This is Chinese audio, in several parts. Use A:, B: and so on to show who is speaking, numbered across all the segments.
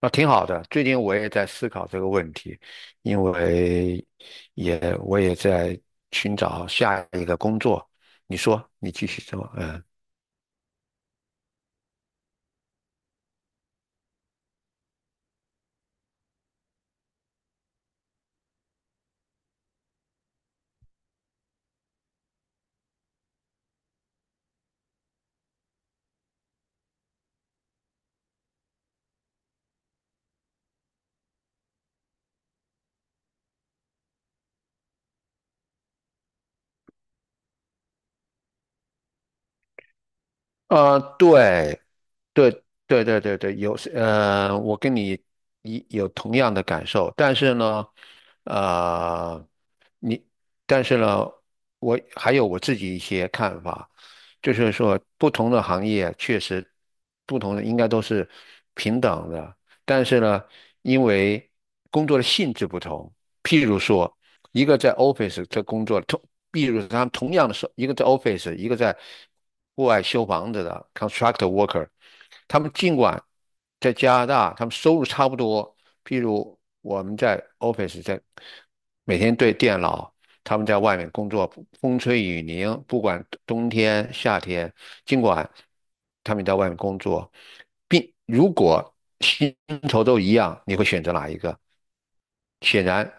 A: 那挺好的。最近我也在思考这个问题，因为我也在寻找下一个工作。你说，你继续说，嗯，啊，对，对，有，我跟你有同样的感受，但是呢，呃，你，但是呢，我还有我自己一些看法。就是说不同的行业确实不同的应该都是平等的，但是呢，因为工作的性质不同，譬如说，一个在 office 在工作，同，譬如他们同样的是一个在 office，一个在户外修房子的 constructor worker，他们尽管在加拿大，他们收入差不多，譬如我们在 office 在每天对电脑，他们在外面工作，风吹雨淋，不管冬天夏天，尽管他们在外面工作，并如果薪酬都一样，你会选择哪一个？显然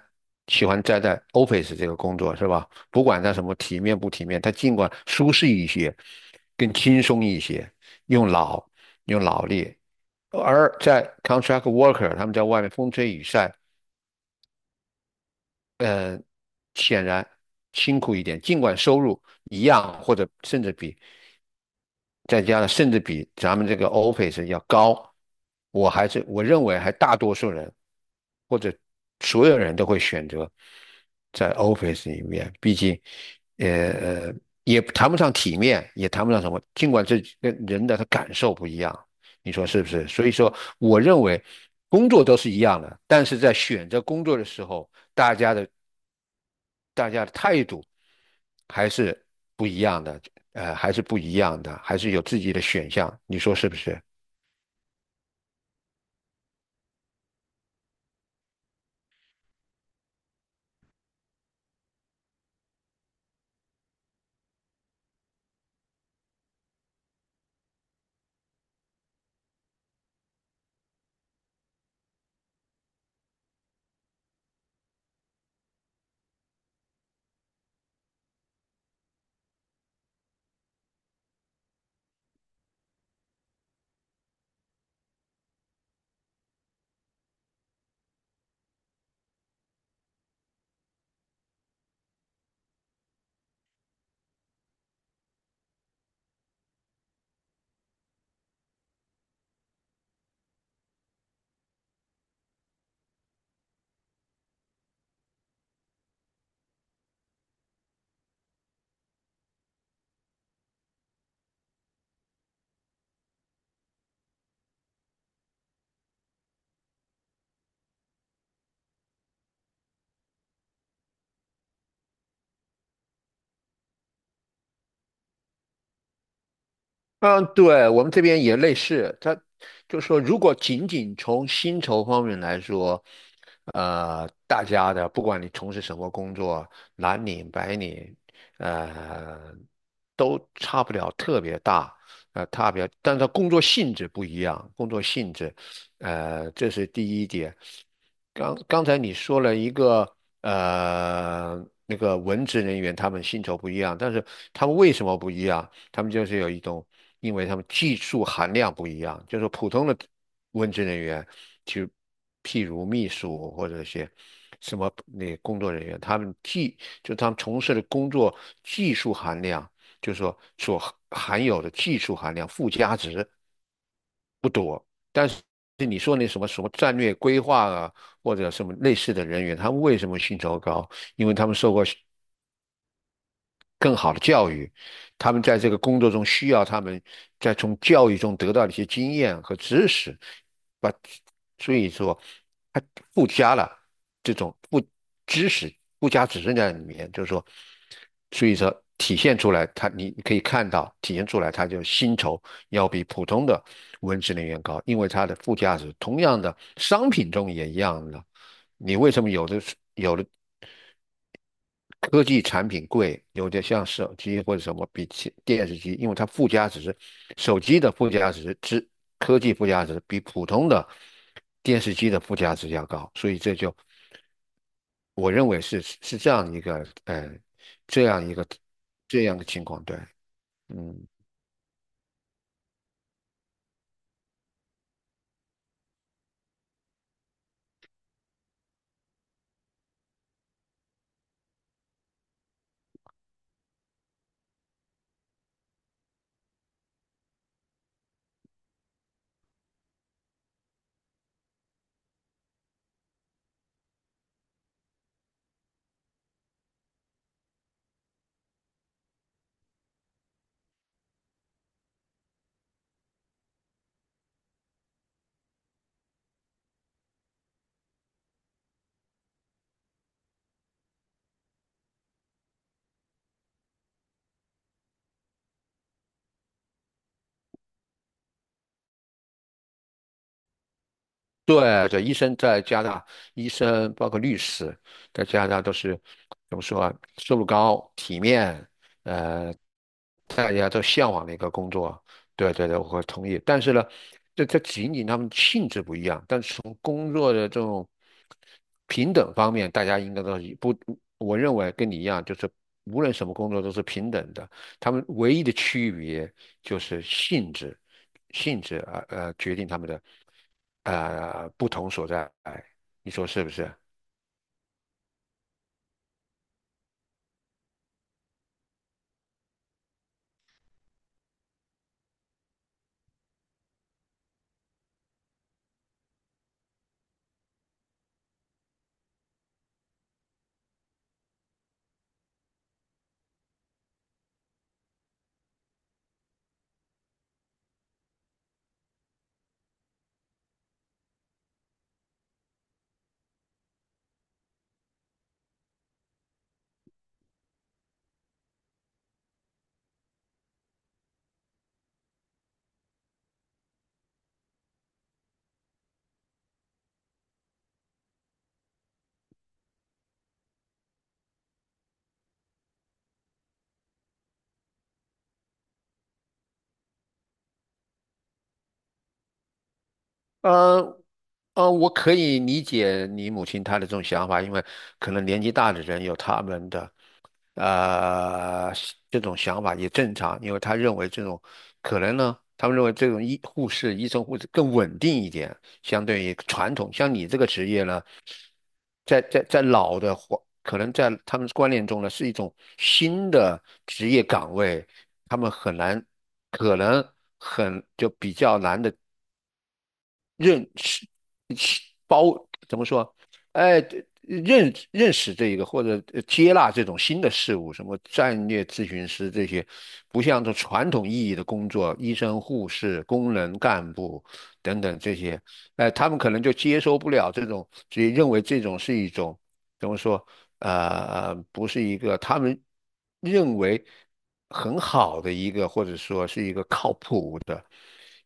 A: 喜欢待在 office 这个工作是吧？不管他什么体面不体面，他尽管舒适一些，更轻松一些，用脑用脑力。而在 contract worker，他们在外面风吹雨晒，嗯，显然辛苦一点，尽管收入一样或者甚至比再加上甚至比咱们这个 Office 要高，我认为还大多数人或者所有人都会选择在 Office 里面，毕竟，呃呃也谈不上体面，也谈不上什么，尽管这跟人的他感受不一样，你说是不是？所以说，我认为工作都是一样的，但是在选择工作的时候，大家的态度还是不一样的，还是不一样的，还是有自己的选项，你说是不是？嗯，对，我们这边也类似，他就说，如果仅仅从薪酬方面来说，大家的不管你从事什么工作，蓝领、白领，呃，都差不了特别大，差别，但是工作性质不一样，工作性质，这是第一点。刚刚才你说了一个，那个文职人员他们薪酬不一样，但是他们为什么不一样？他们就是有一种，因为他们技术含量不一样，就是普通的文职人员，就譬如秘书或者一些什么那工作人员，他们技就他们从事的工作技术含量，就是说所含有的技术含量附加值，但是。你说那什么什么战略规划啊，或者什么类似的人员，他们为什么薪酬高？因为他们受过更好的教育，他们在这个工作中需要他们在从教育中得到的一些经验和知识，把，所以说，它附加了这种不知识附加指认在里面，就是说，所以说体现出来它，你可以看到体现出来，它就薪酬要比普通的文职人员高，因为它的附加值，同样的商品中也一样的，你为什么有的有的？科技产品贵，有点像手机或者什么比起电视机，因为它附加值，手机的附加值之科技附加值比普通的电视机的附加值要高，所以这就我认为是这样一个，这样一个这样的情况，对，嗯，对对，医生在加拿大，医生包括律师，在加拿大都是怎么说啊？收入高、体面，呃，大家都向往的一个工作。对对对，我会同意。但是呢，这仅仅他们性质不一样，但是从工作的这种平等方面，大家应该都是不，我认为跟你一样，就是无论什么工作都是平等的。他们唯一的区别就是性质，决定他们的，不同所在，你说是不是？呃我可以理解你母亲她的这种想法，因为可能年纪大的人有他们的，呃，这种想法也正常，因为他认为这种可能呢，他们认为这种医护士、医生、护士更稳定一点，相对于传统。像你这个职业呢，在老的环，可能在他们观念中呢，是一种新的职业岗位，他们很难，可能很就比较难的认识包怎么说？哎，认认识这一个或者接纳这种新的事物，什么战略咨询师这些，不像这传统意义的工作，医生、护士、工人、干部等等这些，哎，他们可能就接受不了这种，所以认为这种是一种怎么说？呃，不是一个他们认为很好的一个，或者说是一个靠谱的。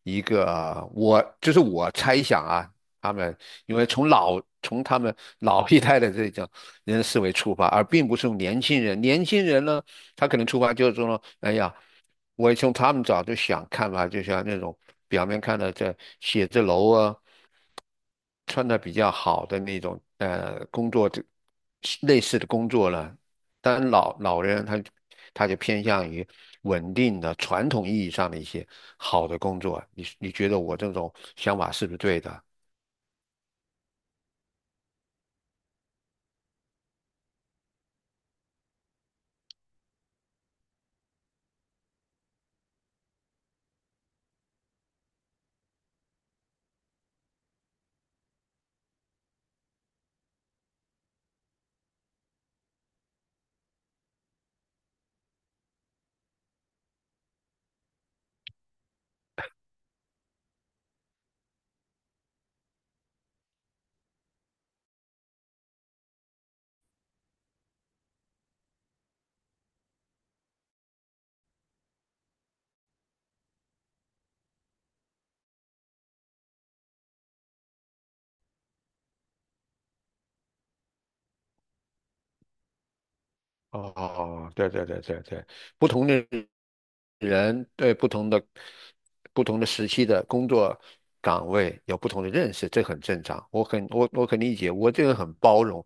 A: 一个我，就是我猜想啊，他们因为从老从他们老一代的这种人的思维出发，而并不是从年轻人。年轻人呢，他可能出发就是说，哎呀，我从他们早就想看法，就像那种表面看的这写字楼啊，穿的比较好的那种，工作这类似的工作了。当然老人他就偏向于稳定的传统意义上的一些好的工作。你觉得我这种想法是不是对的？哦，对，不同的人对不同的时期的工作岗位有不同的认识，这很正常。我很理解，我这个人很包容，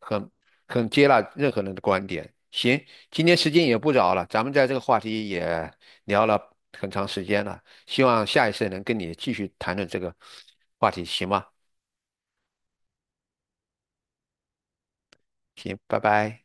A: 很很接纳任何人的观点。行，今天时间也不早了，咱们在这个话题也聊了很长时间了，希望下一次能跟你继续谈论这个话题，行吗？行，拜拜。